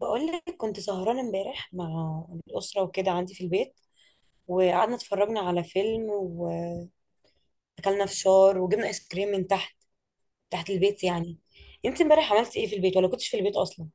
بقول لك كنت سهرانة امبارح مع الأسرة وكده عندي في البيت، وقعدنا اتفرجنا على فيلم وأكلنا فشار وجبنا آيس كريم من تحت. تحت البيت يعني. انت امبارح عملتي ايه في البيت ولا كنتش في البيت أصلا؟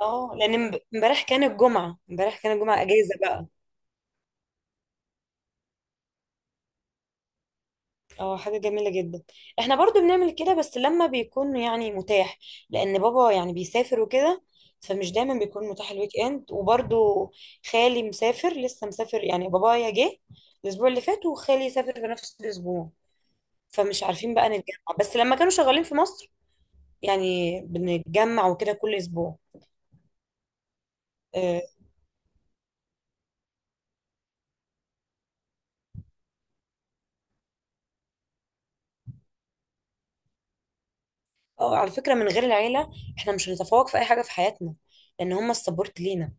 اه، لأن امبارح كان الجمعة، امبارح كان الجمعة أجازة بقى. اه، حاجة جميلة جدا. احنا برضو بنعمل كده بس لما بيكون يعني متاح، لان بابا يعني بيسافر وكده، فمش دايما بيكون متاح الويك اند. وبرضو خالي مسافر، لسه مسافر، يعني بابايا جه الاسبوع اللي فات وخالي سافر في نفس الاسبوع، فمش عارفين بقى نتجمع. بس لما كانوا شغالين في مصر يعني بنتجمع وكده كل اسبوع. اه. آه، على فكرة من غير العيلة احنا مش هنتفوق في اي حاجة في حياتنا، لان هم السبورت لينا.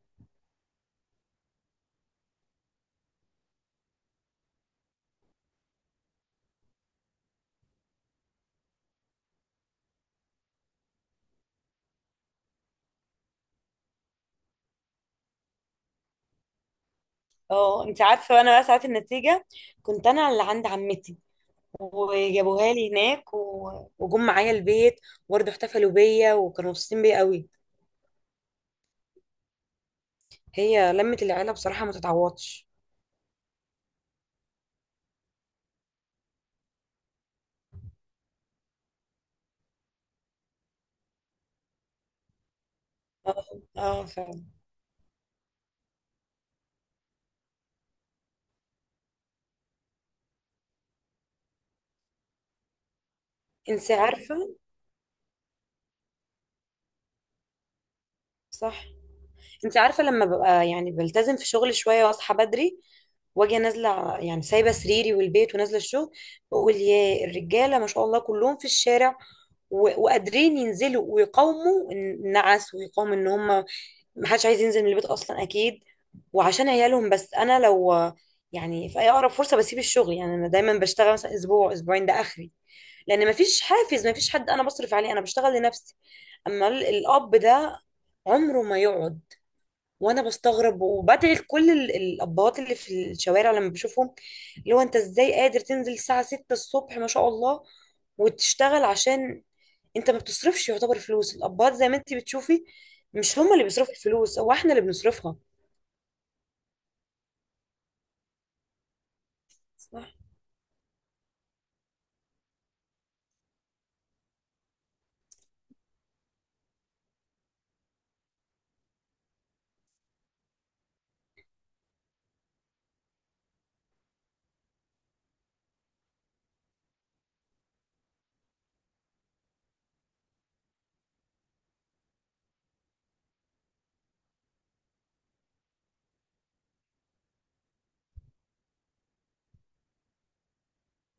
اه انت عارفة، انا بقى ساعات النتيجة كنت انا اللي عند عمتي، وجابوها لي هناك وجم معايا البيت، وبرضه احتفلوا بيا وكانوا مبسوطين بيا قوي. هي لمة العيلة بصراحة ما تتعوضش. اه. اه فعلا. انت عارفة. صح. انت عارفه لما ببقى يعني بلتزم في شغلي شويه واصحى بدري واجي نازله، يعني سايبه سريري والبيت ونازله الشغل، بقول يا الرجاله ما شاء الله كلهم في الشارع وقادرين ينزلوا ويقاوموا النعس ويقاوموا ان هم محدش عايز ينزل من البيت اصلا اكيد، وعشان عيالهم. بس انا لو يعني في اي اقرب فرصه بسيب الشغل، يعني انا دايما بشتغل مثلا اسبوع اسبوعين ده اخري، لان مفيش حافز، مفيش حد انا بصرف عليه، انا بشتغل لنفسي. اما الاب ده عمره ما يقعد، وانا بستغرب وبدعي لكل الابهات اللي في الشوارع لما بشوفهم، اللي هو انت ازاي قادر تنزل الساعه 6 الصبح ما شاء الله وتشتغل؟ عشان انت ما بتصرفش، يعتبر فلوس الابهات زي ما انت بتشوفي، مش هما اللي بيصرفوا الفلوس، هو احنا اللي بنصرفها. صح.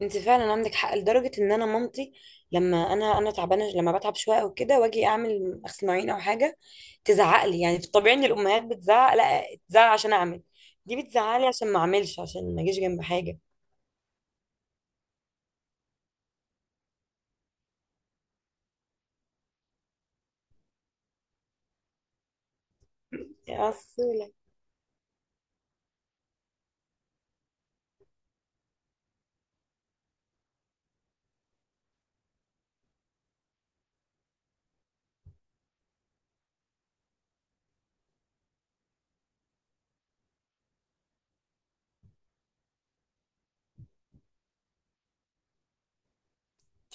انت فعلا عندك حق، لدرجه ان انا مامتي لما انا تعبانه، لما بتعب شويه او كده واجي اعمل غسل مواعين او حاجه، تزعق لي. يعني في الطبيعي ان الامهات بتزعق، لا تزعق عشان اعمل، دي بتزعق لي عشان ما اعملش، عشان ما اجيش جنب حاجه. يا أصيلة.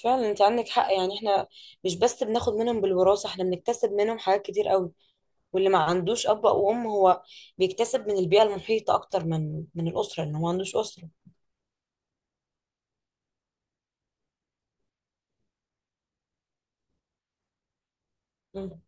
فعلا انت عندك حق، يعني احنا مش بس بناخد منهم بالوراثة، احنا بنكتسب منهم حاجات كتير قوي. واللي ما عندوش أب أو أم هو بيكتسب من البيئة المحيطة أكتر من الأسرة، لأن هو ما عندوش أسرة. مم.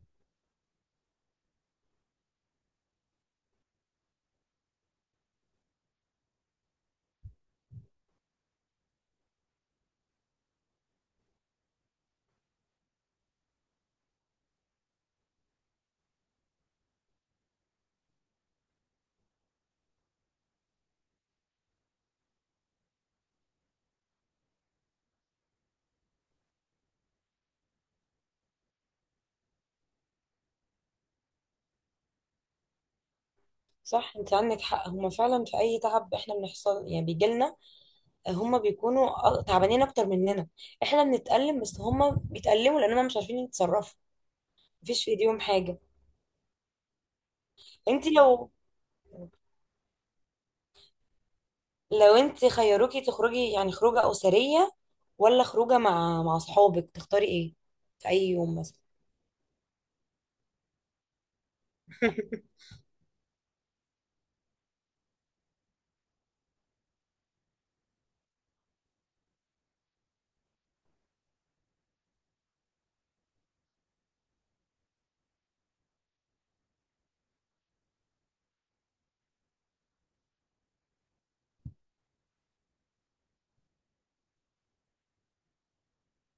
صح انت عندك حق، هما فعلا في أي تعب احنا بنحصل يعني بيجيلنا، هما بيكونوا تعبانين أكتر مننا، احنا بنتألم بس هما بيتألموا لأن هما مش عارفين يتصرفوا، مفيش في ايديهم حاجة. انت لو، لو انت خيروكي تخرجي، يعني خروجه اسريه ولا خروجه مع اصحابك، تختاري ايه في اي يوم مثلا؟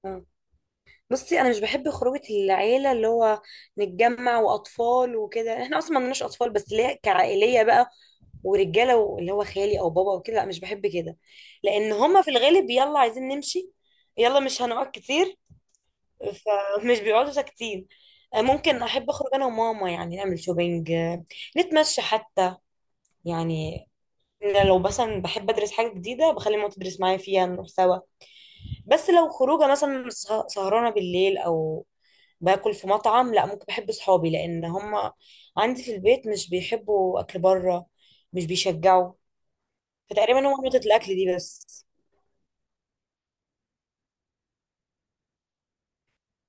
آه. بصي انا مش بحب خروجه العيله، اللي هو نتجمع واطفال وكده، احنا اصلا ما عندناش اطفال بس ليه كعائليه بقى، ورجاله اللي هو خالي او بابا وكده، لا مش بحب كده، لان هما في الغالب يلا عايزين نمشي، يلا مش هنقعد كتير، فمش بيقعدوا ساكتين. آه، ممكن احب اخرج انا وماما، يعني نعمل شوبينج، نتمشى حتى، يعني إن لو مثلا بحب ادرس حاجه جديده بخلي ماما تدرس معايا فيها نروح سوا. بس لو خروجه مثلا سهرانه بالليل او باكل في مطعم، لا ممكن بحب صحابي، لان هم عندي في البيت مش بيحبوا اكل بره، مش بيشجعوا، فتقريبا هو نقطه الاكل دي بس.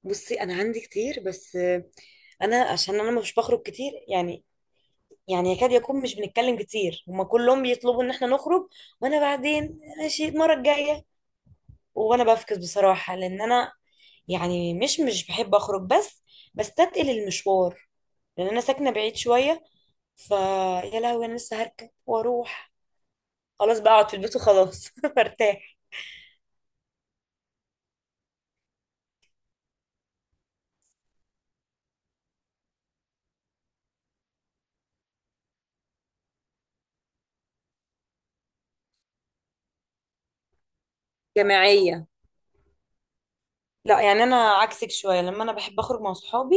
بصي انا عندي كتير، بس انا عشان انا مش بخرج كتير، يعني يعني يكاد يكون مش بنتكلم كتير، هما كلهم بيطلبوا ان احنا نخرج، وانا بعدين ماشي المره الجايه، وانا بفكس بصراحة، لان انا يعني مش بحب اخرج، بس بستثقل المشوار لان انا ساكنة بعيد شوية، ف يا لهوي انا لسه هركب واروح، خلاص بقى اقعد في البيت وخلاص برتاح. جماعية. لا يعني انا عكسك شوية، لما انا بحب اخرج مع صحابي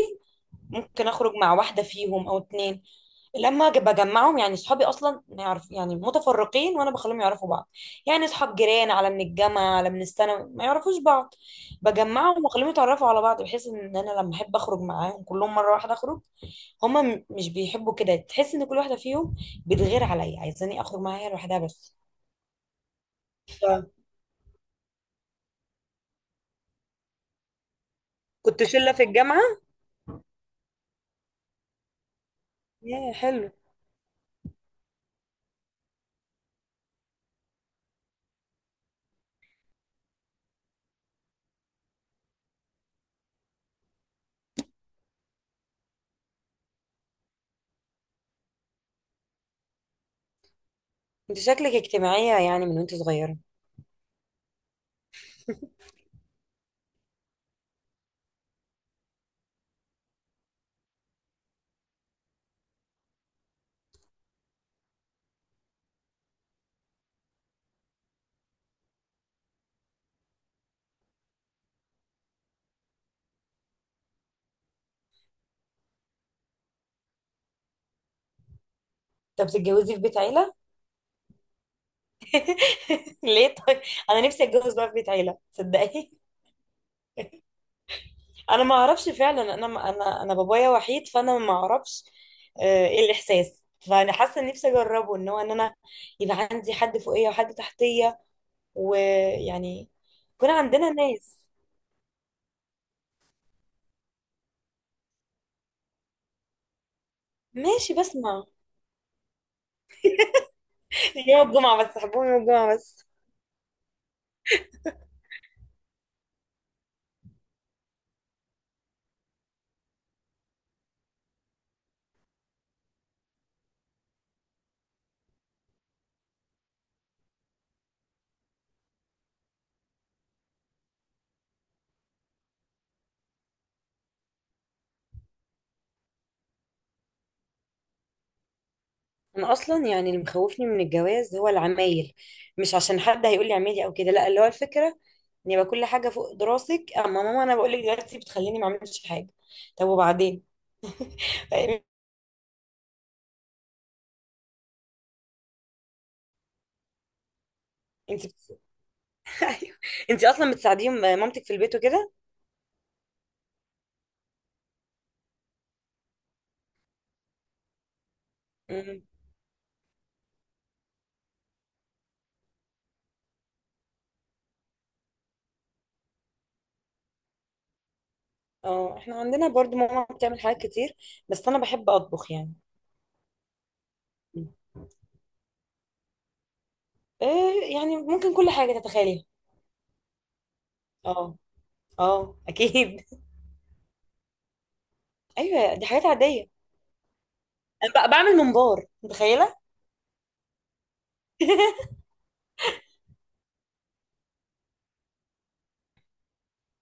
ممكن اخرج مع واحده فيهم او اتنين، لما أجي بجمعهم، يعني صحابي اصلا ما يعرف يعني متفرقين، وانا بخليهم يعرفوا بعض، يعني اصحاب جيران، على من الجامعه، على من الثانوي، ما يعرفوش بعض، بجمعهم واخليهم يتعرفوا على بعض بحيث ان انا لما احب اخرج معاهم كلهم مره واحده اخرج. هما مش بيحبوا كده، تحس ان كل واحده فيهم بتغير عليا عايزاني اخرج معاها هي لوحدها بس. فكنت شله في الجامعه. يا حلو. انت شكلك اجتماعيه يعني من وانت صغيره. طب بتتجوزي في بيت عيله؟ ليه طيب، انا نفسي اتجوز بقى في بيت عيله صدقني. انا ما اعرفش فعلا، انا انا بابايا وحيد فانا ما اعرفش آه، ايه الاحساس، فانا حاسه إن نفسي اجربه ان هو ان انا يبقى عندي حد فوقيه وحد تحتيه، ويعني يكون عندنا ناس. ماشي بسمع. يوم الجمعه بس، حبهم يوم الجمعه بس. انا اصلا يعني اللي مخوفني من الجواز هو العمايل، مش عشان حد هيقول لي عمالي او كده، لا اللي هو الفكره ان يبقى كل حاجه فوق دراسك، اما ماما انا بقول لك دلوقتي بتخليني ما اعملش حاجه، طب وبعدين؟ طيب، انت بت... ايوه. انت اصلا بتساعديهم مامتك في البيت وكده؟ مم. اه احنا عندنا برضو ماما بتعمل حاجات كتير، بس انا بحب اطبخ يعني. مم. إيه يعني ممكن كل حاجه تتخيليها. اه. اه اكيد ايوه دي حاجات عاديه. انا بعمل ممبار، متخيله؟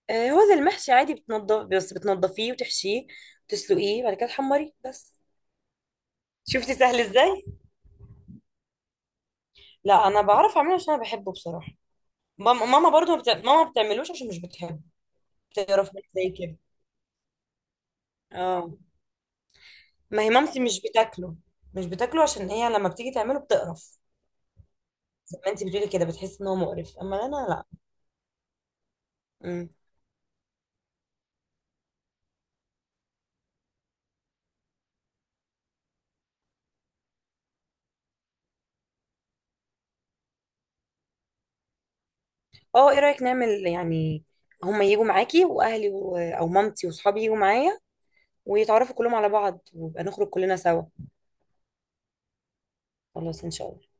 آه، هو زي المحشي عادي، بتنضف، بس بتنضفيه وتحشيه وتسلقيه بعد كده تحمريه بس. شفتي سهل ازاي؟ لا انا بعرف اعمله عشان انا بحبه بصراحه. ماما برضو ما بت... ماما ما بتعملوش عشان مش بتحبه. بتقرف منه زي كده. اه. ما هي مامتي مش بتاكله، مش بتاكله عشان هي لما بتيجي تعمله بتقرف زي ما انت بتقولي كده، بتحس ان هو مقرف، اما انا لا. مم. اه ايه رايك نعمل يعني هما يجوا معاكي واهلي و... او مامتي واصحابي يجوا معايا ويتعرفوا كلهم على بعض ويبقى نخرج كلنا سوا. خلاص ان شاء الله.